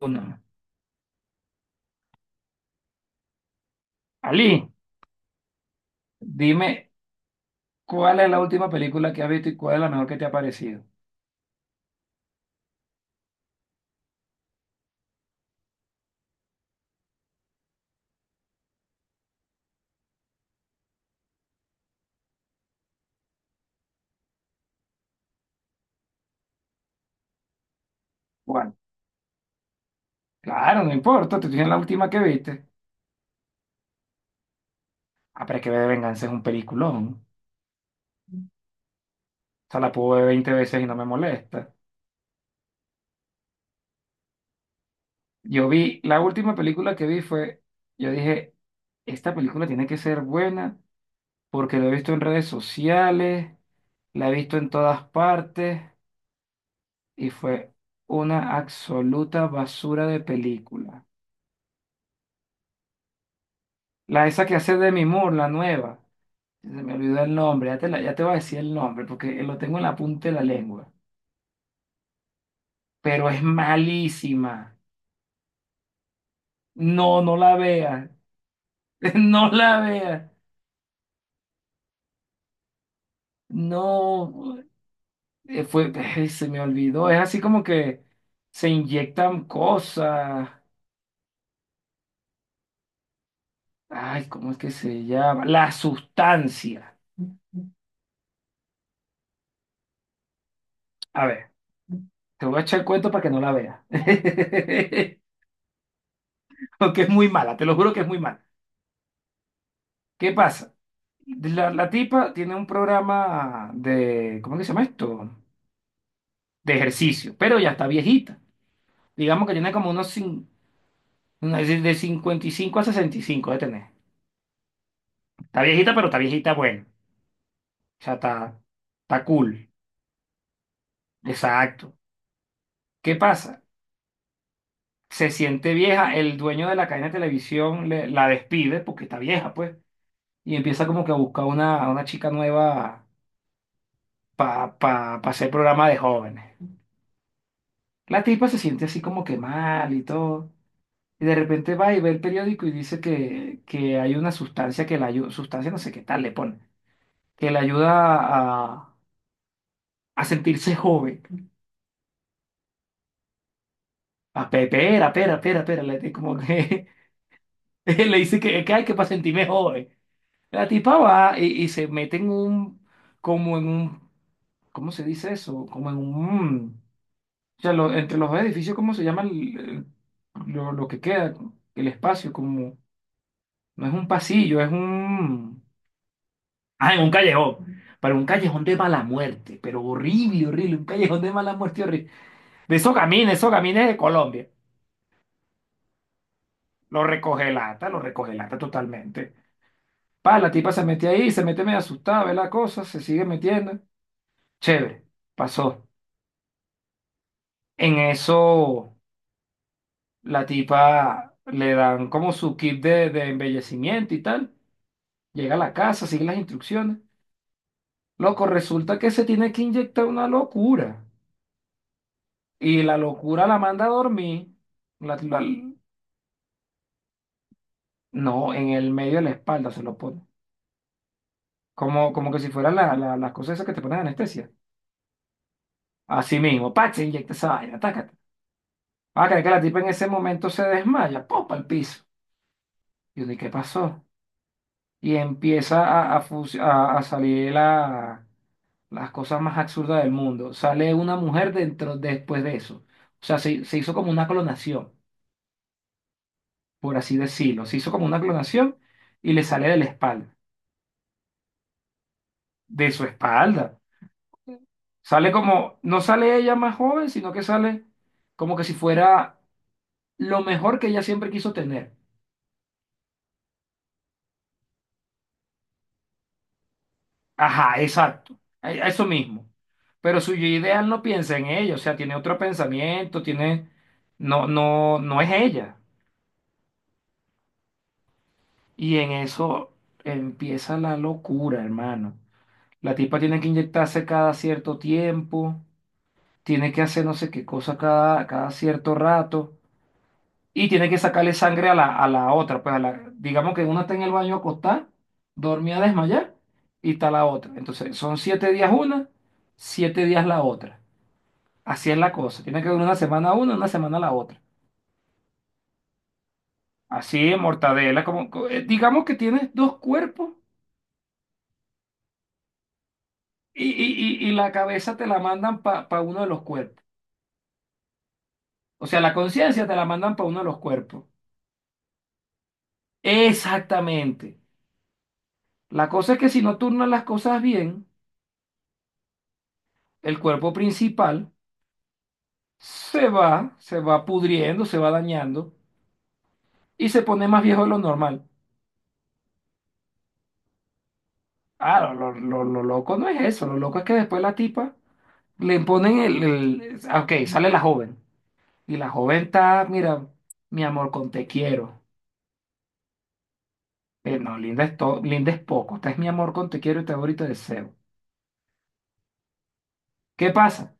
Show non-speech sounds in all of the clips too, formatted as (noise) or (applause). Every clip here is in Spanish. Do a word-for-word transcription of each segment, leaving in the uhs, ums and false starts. Una. Ali, dime cuál es la última película que has visto y cuál es la mejor que te ha parecido. ¿Cuál? Claro, no importa, te estoy diciendo la última que viste. Ah, pero es que V de Venganza es un peliculón. O sea, la puedo ver veinte veces y no me molesta. Yo vi, la última película que vi fue, yo dije, esta película tiene que ser buena porque la he visto en redes sociales, la he visto en todas partes y fue una absoluta basura de película. La esa que hace Demi Moore, la nueva. Se me olvidó el nombre, ya te, la- ya te voy a decir el nombre porque lo tengo en la punta de la lengua. Pero es malísima. No, no la veas. (laughs) No la veas. No. eh, Fue, (laughs) se me olvidó. Es así como que se inyectan cosas. Ay, ¿cómo es que se llama? La sustancia. A ver, te voy a echar el cuento para que no la veas. (laughs) Porque es muy mala, te lo juro que es muy mala. ¿Qué pasa? La, la tipa tiene un programa de, ¿cómo que se llama esto? De ejercicio, pero ya está viejita. Digamos que tiene como unos cin- una- de cincuenta y cinco a sesenta y cinco de tener. Está viejita, pero está viejita bueno. O sea, está, está cool. Exacto. ¿Qué pasa? Se siente vieja, el dueño de la cadena de televisión le- la despide porque está vieja, pues. Y empieza como que a buscar una, a una chica nueva para pa, pa pa hacer programa de jóvenes. La tipa se siente así como que mal y todo. Y de repente va y ve el periódico y dice que, que hay una sustancia que la ayuda, sustancia no sé qué tal le pone, que le ayuda a, a sentirse joven. A pe- pera, pera, pera, pera, le, como que (laughs) le dice que, que hay que para sentirme joven. La tipa va y, y se mete en un, como en un, ¿cómo se dice eso? Como en un, o sea, lo- entre los dos edificios, ¿cómo se llama el- el- lo, lo que queda? El espacio, como, no es un pasillo, es un... Ah, en un callejón. Pero un callejón de mala muerte. Pero horrible, horrible. Un callejón de mala muerte horrible. De esos camines, esos camines de Colombia. Lo recoge lata, lo recoge lata totalmente. Pa, la tipa se metió ahí, se mete medio asustada, ve la cosa, se sigue metiendo. Chévere, pasó. En eso, la tipa le dan como su kit de, de embellecimiento y tal. Llega a la casa, sigue las instrucciones. Loco, resulta que se tiene que inyectar una locura. Y la locura la manda a dormir. la- la- no, en el medio de la espalda se lo pone. Como, como que si fueran la- la- las cosas esas que te ponen anestesia. Así mismo, pa, se inyecta esa vaina, tácate. Va a que la tipa en ese momento se desmaya, popa al piso. Y yo, ¿y qué pasó? Y empieza a, a, fus- a- a salir la- las cosas más absurdas del mundo. Sale una mujer dentro después de eso. O sea, se, se hizo como una clonación, por así decirlo. Se hizo como una clonación y le sale de la espalda. De su espalda. Sale como, no sale ella más joven, sino que sale como que si fuera lo mejor que ella siempre quiso tener. Ajá, exacto. E- Eso mismo. Pero su yo ideal no piensa en ella, o sea, tiene otro pensamiento, tiene, no, no, no es ella. Y en eso empieza la locura, hermano. La tipa tiene que inyectarse cada cierto tiempo, tiene que hacer no sé qué cosa cada, cada cierto rato. Y tiene que sacarle sangre a la, a la otra. Pues a la, digamos que una está en el baño acostada, dormía a desmayar, y está la otra. Entonces, son siete días una, siete días la otra. Así es la cosa. Tiene que durar una semana una, una semana la otra. Así, mortadela, como, co- eh, digamos que tienes dos cuerpos y, y, y, y la cabeza te la mandan para uno de los cuerpos. O sea, la conciencia te la mandan para uno de los cuerpos. Exactamente. La cosa es que si no turnas las cosas bien, el cuerpo principal se va, se va pudriendo, se va dañando y se pone más viejo de lo normal. Ah, lo, lo- lo- lo loco no es eso, lo loco es que después la tipa le ponen el, el... ah, ok, sale la joven y la joven está, mira, mi amor con te quiero. Eh, no, linda es, to- linda es poco, esta es mi amor con te quiero y te adoro y te deseo. ¿Qué pasa?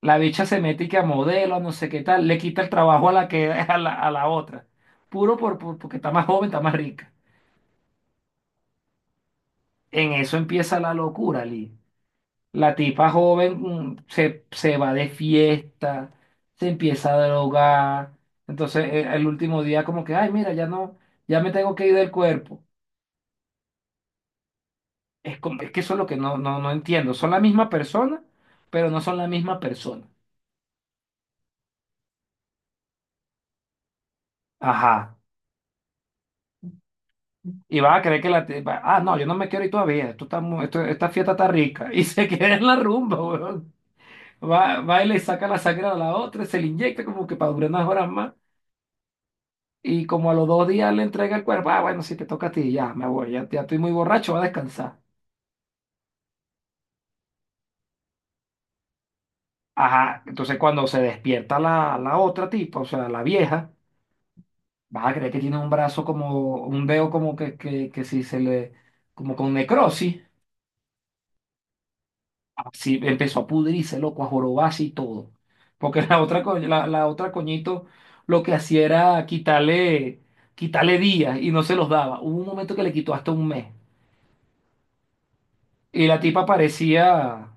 La bicha se mete y que a modelo, no sé qué tal, le quita el trabajo a la que, (laughs) a la, a la otra. Puro por, por- porque está más joven, está más rica. En eso empieza la locura, Lee. La tipa joven mm, se, se va de fiesta, se empieza a drogar. Entonces, eh, el último día como que, ay, mira, ya no, ya me tengo que ir del cuerpo. Es, como- es que eso es lo que no, no, no entiendo. Son la misma persona, pero no son la misma persona. Ajá. Y vas a creer que la tipa, ah, no, yo no me quiero ir todavía. Esto está, mu- esto- esta fiesta está rica. (laughs) Y se queda en la rumba, weón. Va, va y le saca la sangre a la otra, se le inyecta como que para durar unas horas más. Y como a los dos días le entrega el cuerpo, ah, bueno, si te toca a ti, ya me voy, ya, ya estoy muy borracho, voy a descansar. Ajá, entonces cuando se despierta la, la otra tipa, o sea, la vieja, vas a creer que tiene un brazo como, un dedo como que, que, que si se le, como con necrosis, así empezó a pudrirse, loco, a jorobarse y todo. Porque la otra, co- la, la otra coñito lo que hacía era quitarle, quitarle días y no se los daba. Hubo un momento que le quitó hasta un mes. Y la tipa parecía.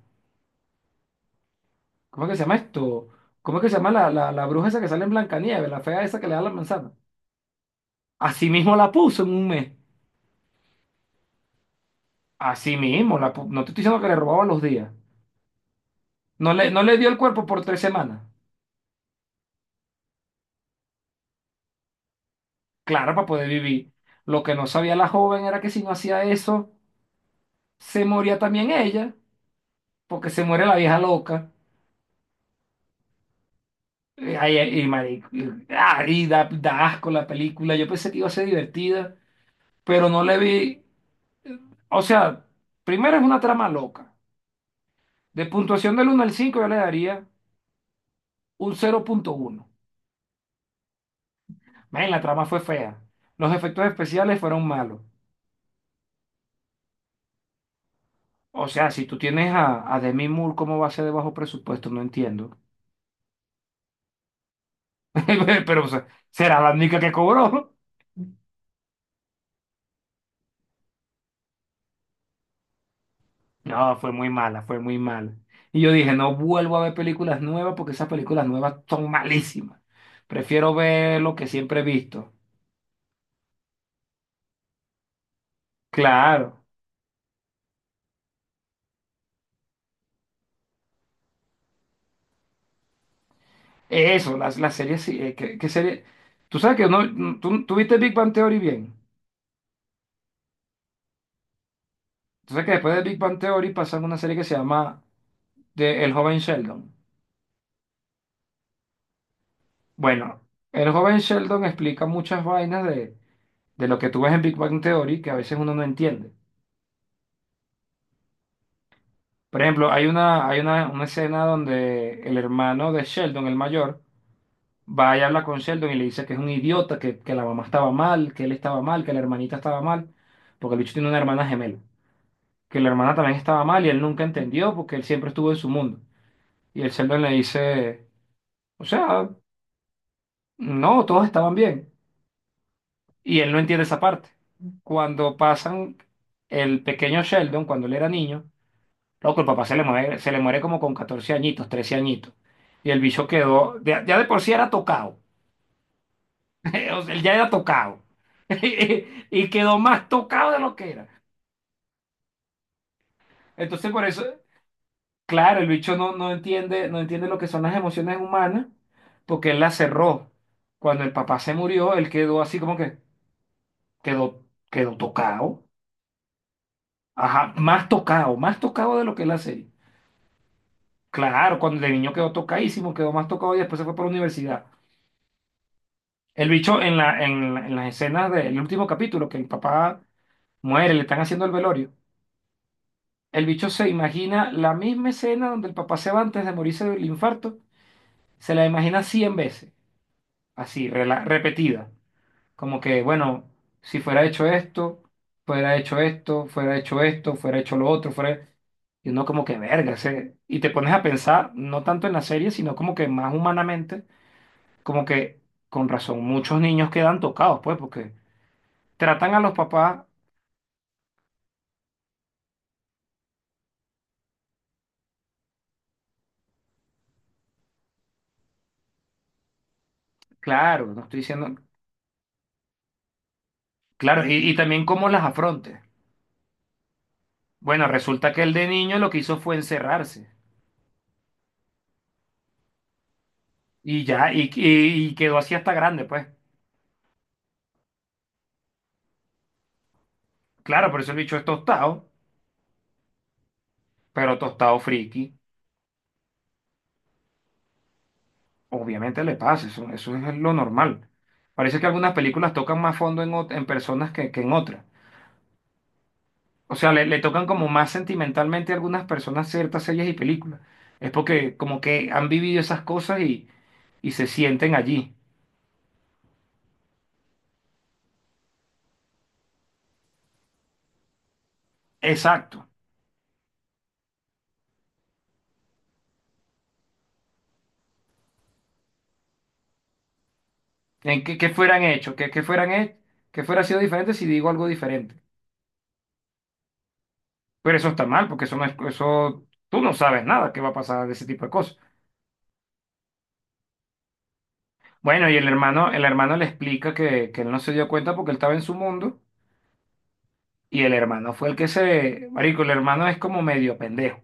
¿Cómo es que se llama esto? ¿Cómo es que se llama la, la, la bruja esa que sale en Blancanieves, la fea esa que le da la manzana? Así mismo la puso en un mes. Así mismo, la pu- no te estoy diciendo que le robaba los días. No le, no le dio el cuerpo por tres semanas. Claro, para poder vivir. Lo que no sabía la joven era que si no hacía eso, se moría también ella, porque se muere la vieja loca. Eh, ay, ay, y, marico, y, ah, y da, da asco la película. Yo pensé que iba a ser divertida, pero no le vi. O sea, primero es una trama loca. De puntuación del uno al cinco yo le daría un cero punto uno. Ven, la trama fue fea. Los efectos especiales fueron malos. O sea, si tú tienes a, a Demi Moore, ¿cómo va a ser de bajo presupuesto? No entiendo. (laughs) Pero o sea, será la única que cobró. (laughs) No, fue muy mala, fue muy mala. Y yo dije, no vuelvo a ver películas nuevas porque esas películas nuevas son malísimas. Prefiero ver lo que siempre he visto. Claro. Eso, las, las series, sí, eh, ¿qué, qué serie? Tú sabes que no, tú, tú viste Big Bang Theory bien. Entonces, que después de Big Bang Theory pasan una serie que se llama de El joven Sheldon. Bueno, El joven Sheldon explica muchas vainas de, de lo que tú ves en Big Bang Theory que a veces uno no entiende. Por ejemplo, hay una, hay una, una escena donde el hermano de Sheldon, el mayor, va y habla con Sheldon y le dice que es un idiota, que, que la mamá estaba mal, que él estaba mal, que la hermanita estaba mal, porque el bicho tiene una hermana gemela, que la hermana también estaba mal y él nunca entendió porque él siempre estuvo en su mundo. Y el Sheldon le dice... O sea, no, todos estaban bien. Y él no entiende esa parte. Cuando pasan el pequeño Sheldon, cuando él era niño, loco, el papá se le muere, se le muere como con catorce añitos, trece añitos. Y el bicho quedó, ya, ya de por sí era tocado. (laughs) O sea, él ya era tocado. (laughs) Y quedó más tocado de lo que era. Entonces, por eso, claro, el bicho no, no entiende, no entiende lo que son las emociones humanas, porque él las cerró. Cuando el papá se murió, él quedó así como que quedó, quedó, tocado. Ajá, más tocado, más tocado de lo que es la serie. Claro, cuando de niño quedó tocadísimo, quedó más tocado y después se fue para la universidad. El bicho en la, en, la- en las escenas del último capítulo, que el papá muere, le están haciendo el velorio. El bicho se imagina la misma escena donde el papá se va antes de morirse del infarto, se la imagina cien veces, así, rela- repetida. Como que, bueno, si fuera hecho esto, fuera hecho esto, fuera hecho esto, fuera hecho lo otro, fuera. Y uno como que verga, se- y te pones a pensar, no tanto en la serie, sino como que más humanamente, como que con razón, muchos niños quedan tocados, pues, porque tratan a los papás, claro, no estoy diciendo, claro, y, y también cómo las afronte. Bueno, resulta que el de niño lo que hizo fue encerrarse y ya, y, y- y quedó así hasta grande, pues. Claro, por eso el bicho es tostado, pero tostado friki. Obviamente le pasa, eso, eso es lo normal. Parece que algunas películas tocan más fondo en, ot- en personas que, que en otras. O sea, le, le tocan como más sentimentalmente a algunas personas ciertas series y películas. Es porque como que han vivido esas cosas y, y se sienten allí. Exacto. En que, que fueran hechos, que, que fueran hechos, que fuera sido diferente si digo algo diferente. Pero eso está mal, porque eso no es, eso, tú no sabes nada que va a pasar de ese tipo de cosas. Bueno, y el hermano, el hermano le explica que, que él no se dio cuenta porque él estaba en su mundo. Y el hermano fue el que se— Marico, el hermano es como medio pendejo,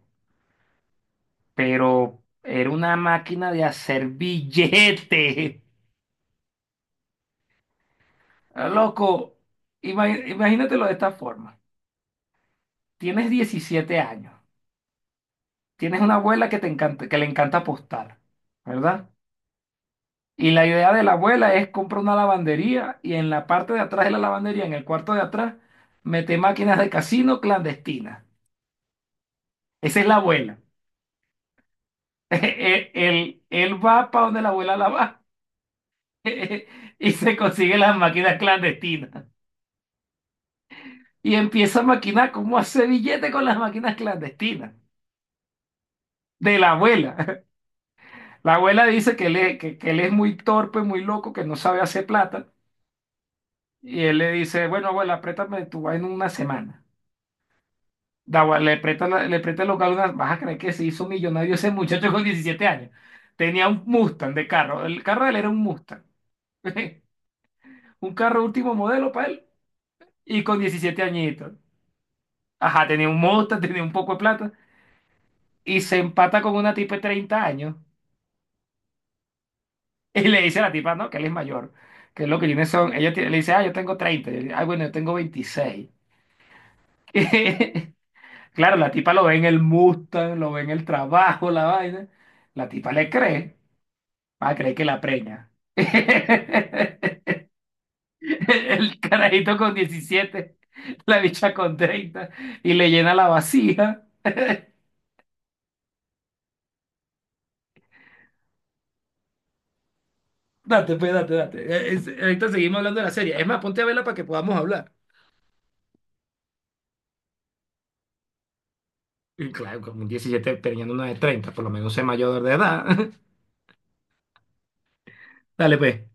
pero era una máquina de hacer billetes. (laughs) Ah, loco, ima- imagínatelo de esta forma. Tienes diecisiete años, tienes una abuela que te encanta, que le encanta apostar, ¿verdad? Y la idea de la abuela es comprar una lavandería y en la parte de atrás de la lavandería, en el cuarto de atrás, mete máquinas de casino clandestinas. Esa es la abuela. (laughs) Él, él él va para donde la abuela la va. (laughs) y se consigue las máquinas clandestinas. Y empieza a maquinar cómo hace billete con las máquinas clandestinas. De la abuela. (laughs) La abuela dice que él, es- que, que él es muy torpe, muy loco, que no sabe hacer plata. Y él le dice, bueno, abuela, préstame tu vaina una semana. La abuela le presta, la- le presta el local una— Vas a creer que se hizo millonario ese muchacho con diecisiete años. Tenía un Mustang de carro. El carro de él era un Mustang. (laughs) Un carro último modelo para él. Y con diecisiete añitos. Ajá, tenía un Mustang, tenía un poco de plata. Y se empata con una tipa de treinta años y le dice a la tipa, no, que él es mayor, que lo que tiene son, ella tiene- le dice, ah, yo tengo treinta y él, ah, bueno, yo tengo veintiséis. (laughs) Claro, la tipa lo ve en el Mustang, lo ve en el trabajo, la vaina. La tipa le cree, va a creer que la preña. (laughs) El carajito con diecisiete, la bicha con treinta y le llena la vacía. Date, pues, date, date. Eh, es- Ahorita seguimos hablando de la serie. Es más, ponte a verla para que podamos hablar. (laughs) Y claro, como un diecisiete teniendo una de treinta, por lo menos es mayor de edad. (laughs) Dale, pues.